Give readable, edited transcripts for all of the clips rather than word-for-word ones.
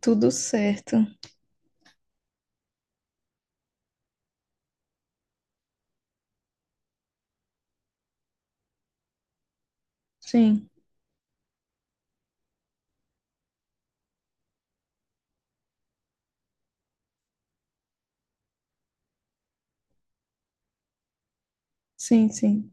Tudo certo. Sim, sim, sim.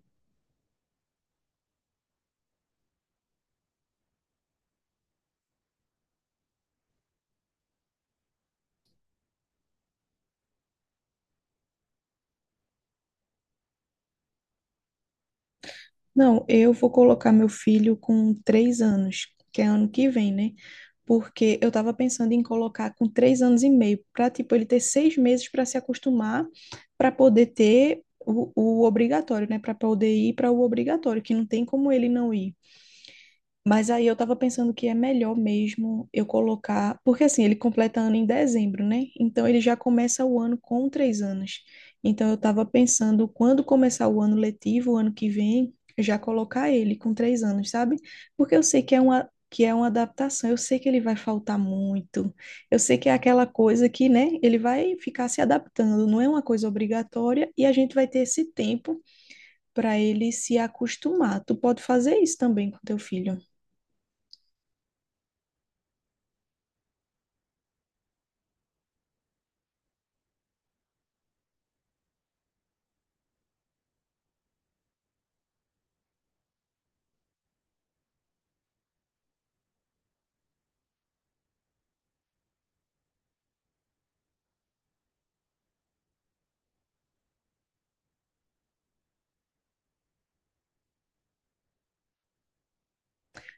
Não, eu vou colocar meu filho com 3 anos, que é ano que vem, né? Porque eu tava pensando em colocar com 3 anos e meio, para tipo, ele ter 6 meses para se acostumar, para poder ter o obrigatório, né? Para poder ir para o obrigatório, que não tem como ele não ir. Mas aí eu tava pensando que é melhor mesmo eu colocar. Porque assim, ele completa ano em dezembro, né? Então ele já começa o ano com 3 anos. Então eu tava pensando, quando começar o ano letivo, o ano que vem, já colocar ele com 3 anos, sabe? Porque eu sei que é uma adaptação, eu sei que ele vai faltar muito. Eu sei que é aquela coisa que, né, ele vai ficar se adaptando, não é uma coisa obrigatória, e a gente vai ter esse tempo para ele se acostumar. Tu pode fazer isso também com teu filho.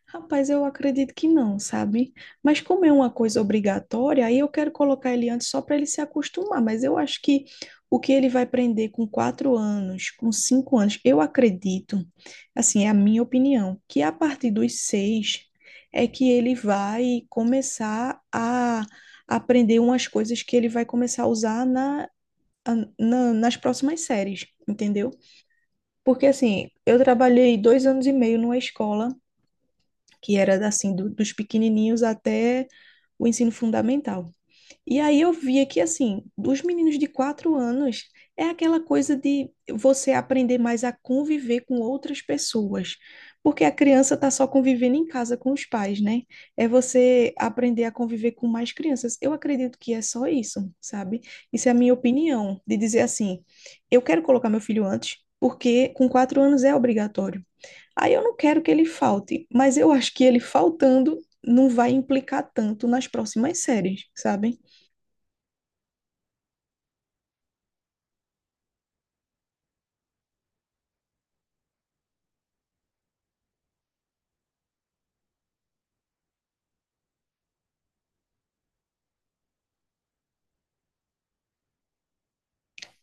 Rapaz, eu acredito que não, sabe? Mas como é uma coisa obrigatória, aí eu quero colocar ele antes só para ele se acostumar. Mas eu acho que o que ele vai aprender com 4 anos, com 5 anos, eu acredito, assim, é a minha opinião, que a partir dos seis é que ele vai começar a aprender umas coisas que ele vai começar a usar nas próximas séries, entendeu? Porque assim, eu trabalhei 2 anos e meio numa escola que era assim dos pequenininhos até o ensino fundamental. E aí eu via que assim, dos meninos de 4 anos é aquela coisa de você aprender mais a conviver com outras pessoas, porque a criança está só convivendo em casa com os pais, né? É você aprender a conviver com mais crianças. Eu acredito que é só isso, sabe? Isso é a minha opinião, de dizer assim, eu quero colocar meu filho antes, porque com 4 anos é obrigatório. Aí eu não quero que ele falte, mas eu acho que ele faltando não vai implicar tanto nas próximas séries, sabem?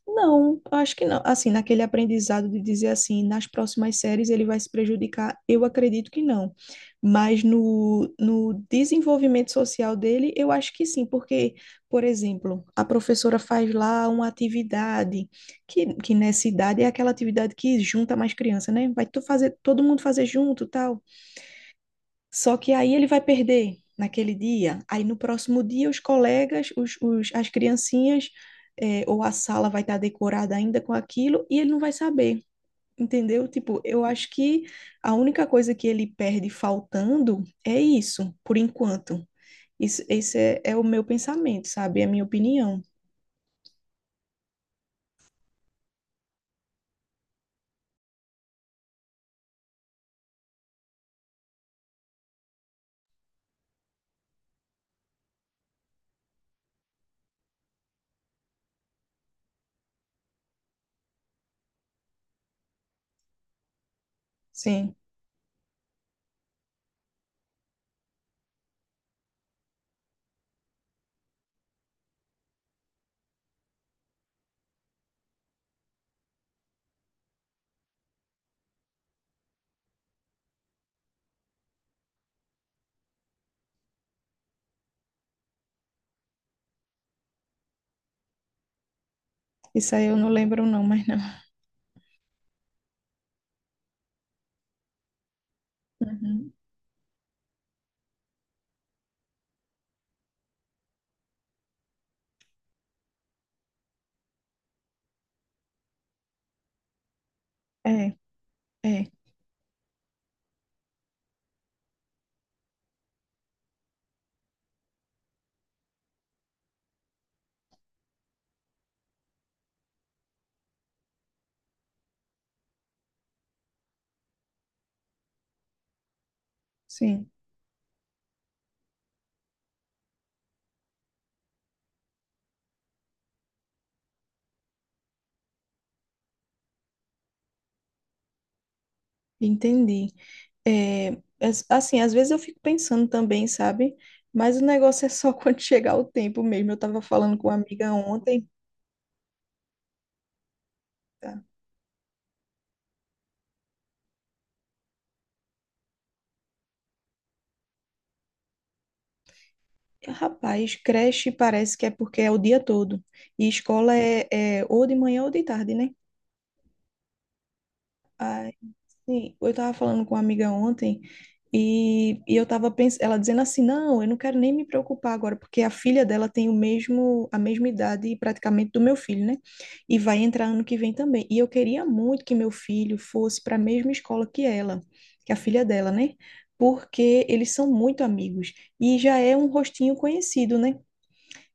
Não, eu acho que não. Assim, naquele aprendizado de dizer assim, nas próximas séries ele vai se prejudicar, eu acredito que não. Mas no desenvolvimento social dele, eu acho que sim, porque, por exemplo, a professora faz lá uma atividade, que nessa idade é aquela atividade que junta mais criança, né? Vai tu fazer, todo mundo fazer junto, tal. Só que aí ele vai perder naquele dia. Aí no próximo dia, os colegas, as criancinhas, ou a sala vai estar decorada ainda com aquilo e ele não vai saber, entendeu? Tipo, eu acho que a única coisa que ele perde faltando é isso, por enquanto. Isso, esse é o meu pensamento, sabe? É a minha opinião. Sim. Isso aí eu não lembro, não, mas não. Uhum. É, é, sim. Entendi. É, assim, às vezes eu fico pensando também, sabe? Mas o negócio é só quando chegar o tempo mesmo. Eu tava falando com uma amiga ontem. Tá? Rapaz, creche parece que é porque é o dia todo. E escola é ou de manhã ou de tarde, né? Sim, eu estava falando com uma amiga ontem e eu estava pensando, ela dizendo assim, não, eu não quero nem me preocupar agora, porque a filha dela tem o mesmo, a mesma idade praticamente do meu filho, né? E vai entrar ano que vem também. E eu queria muito que meu filho fosse para a mesma escola que ela, que a filha dela, né? Porque eles são muito amigos e já é um rostinho conhecido, né?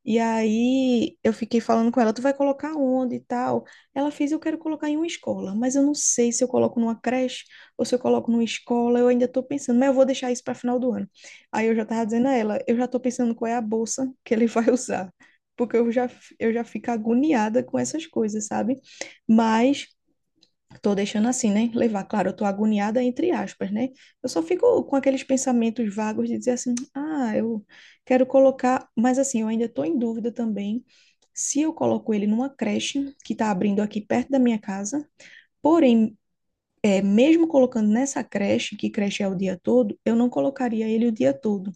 E aí eu fiquei falando com ela, tu vai colocar onde e tal? Ela fez, eu quero colocar em uma escola, mas eu não sei se eu coloco numa creche ou se eu coloco numa escola, eu ainda estou pensando, mas eu vou deixar isso para final do ano. Aí eu já estava dizendo a ela, eu já estou pensando qual é a bolsa que ele vai usar, porque eu já fico agoniada com essas coisas, sabe? Mas tô deixando assim, né? Levar, claro, eu tô agoniada entre aspas, né? Eu só fico com aqueles pensamentos vagos de dizer assim, ah, eu quero colocar, mas assim, eu ainda tô em dúvida também se eu coloco ele numa creche que tá abrindo aqui perto da minha casa. Porém, mesmo colocando nessa creche, que creche é o dia todo, eu não colocaria ele o dia todo.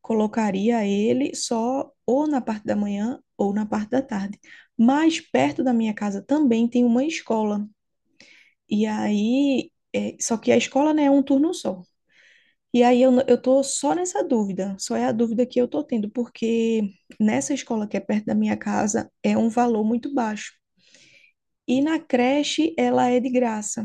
Colocaria ele só ou na parte da manhã ou na parte da tarde. Mas perto da minha casa também tem uma escola. E aí, só que a escola, né, é um turno só. E aí eu, eu tô só nessa dúvida, só é a dúvida que eu tô tendo, porque nessa escola que é perto da minha casa é um valor muito baixo. E na creche ela é de graça.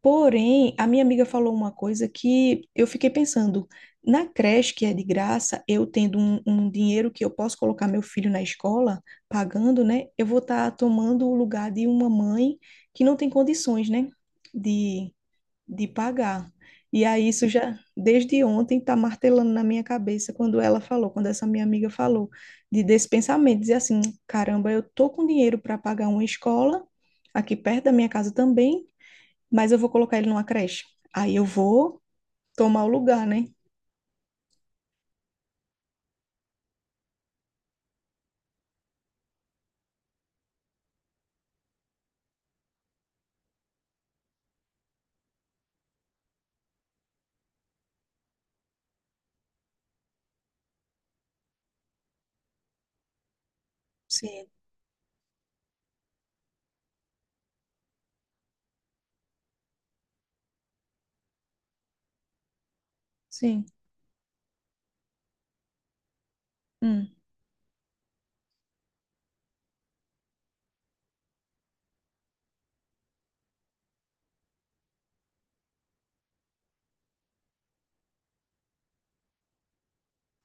Porém, a minha amiga falou uma coisa que eu fiquei pensando. Na creche que é de graça, eu tendo um dinheiro que eu posso colocar meu filho na escola, pagando, né? Eu vou estar tomando o lugar de uma mãe que não tem condições, né? de de pagar. E aí isso já desde ontem está martelando na minha cabeça quando ela falou, quando essa minha amiga falou de desse pensamento, dizer assim, caramba, eu tô com dinheiro para pagar uma escola aqui perto da minha casa também, mas eu vou colocar ele numa creche. Aí eu vou tomar o lugar, né? Sim, sim. Hum.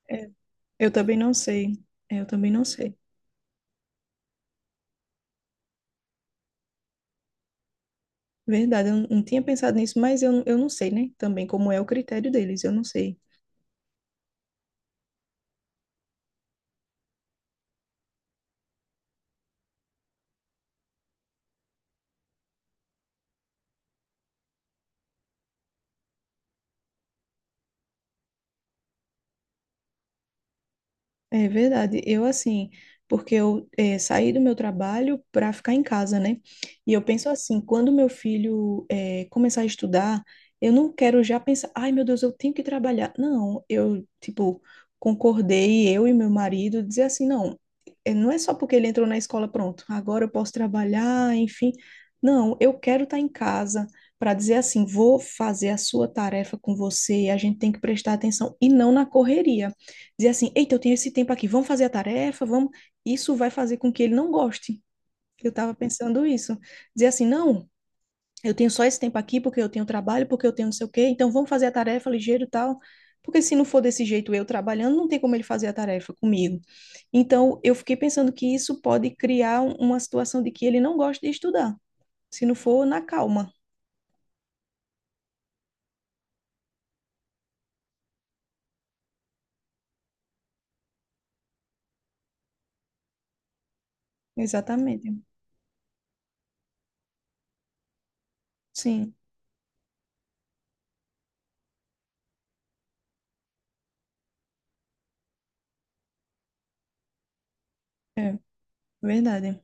É, eu também não sei. Eu também não sei. Verdade, eu não tinha pensado nisso, mas eu não sei, né? Também como é o critério deles, eu não sei. É verdade. Eu, assim, porque eu saí do meu trabalho para ficar em casa, né? E eu penso assim, quando meu filho começar a estudar, eu não quero já pensar, ai meu Deus, eu tenho que trabalhar. Não, eu, tipo, concordei, eu e meu marido, dizer assim, não, não é só porque ele entrou na escola, pronto, agora eu posso trabalhar, enfim. Não, eu quero estar em casa para dizer assim, vou fazer a sua tarefa com você, a gente tem que prestar atenção e não na correria dizer assim, eita, eu tenho esse tempo aqui, vamos fazer a tarefa, vamos. Isso vai fazer com que ele não goste. Eu estava pensando isso. Dizer assim, não, eu tenho só esse tempo aqui porque eu tenho trabalho, porque eu tenho não sei o quê, então vamos fazer a tarefa ligeiro e tal. Porque se não for desse jeito eu trabalhando, não tem como ele fazer a tarefa comigo. Então, eu fiquei pensando que isso pode criar uma situação de que ele não gosta de estudar, se não for na calma. Exatamente. Sim, é verdade.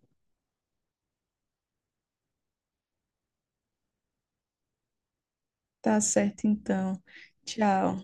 Tá certo, então. Tchau.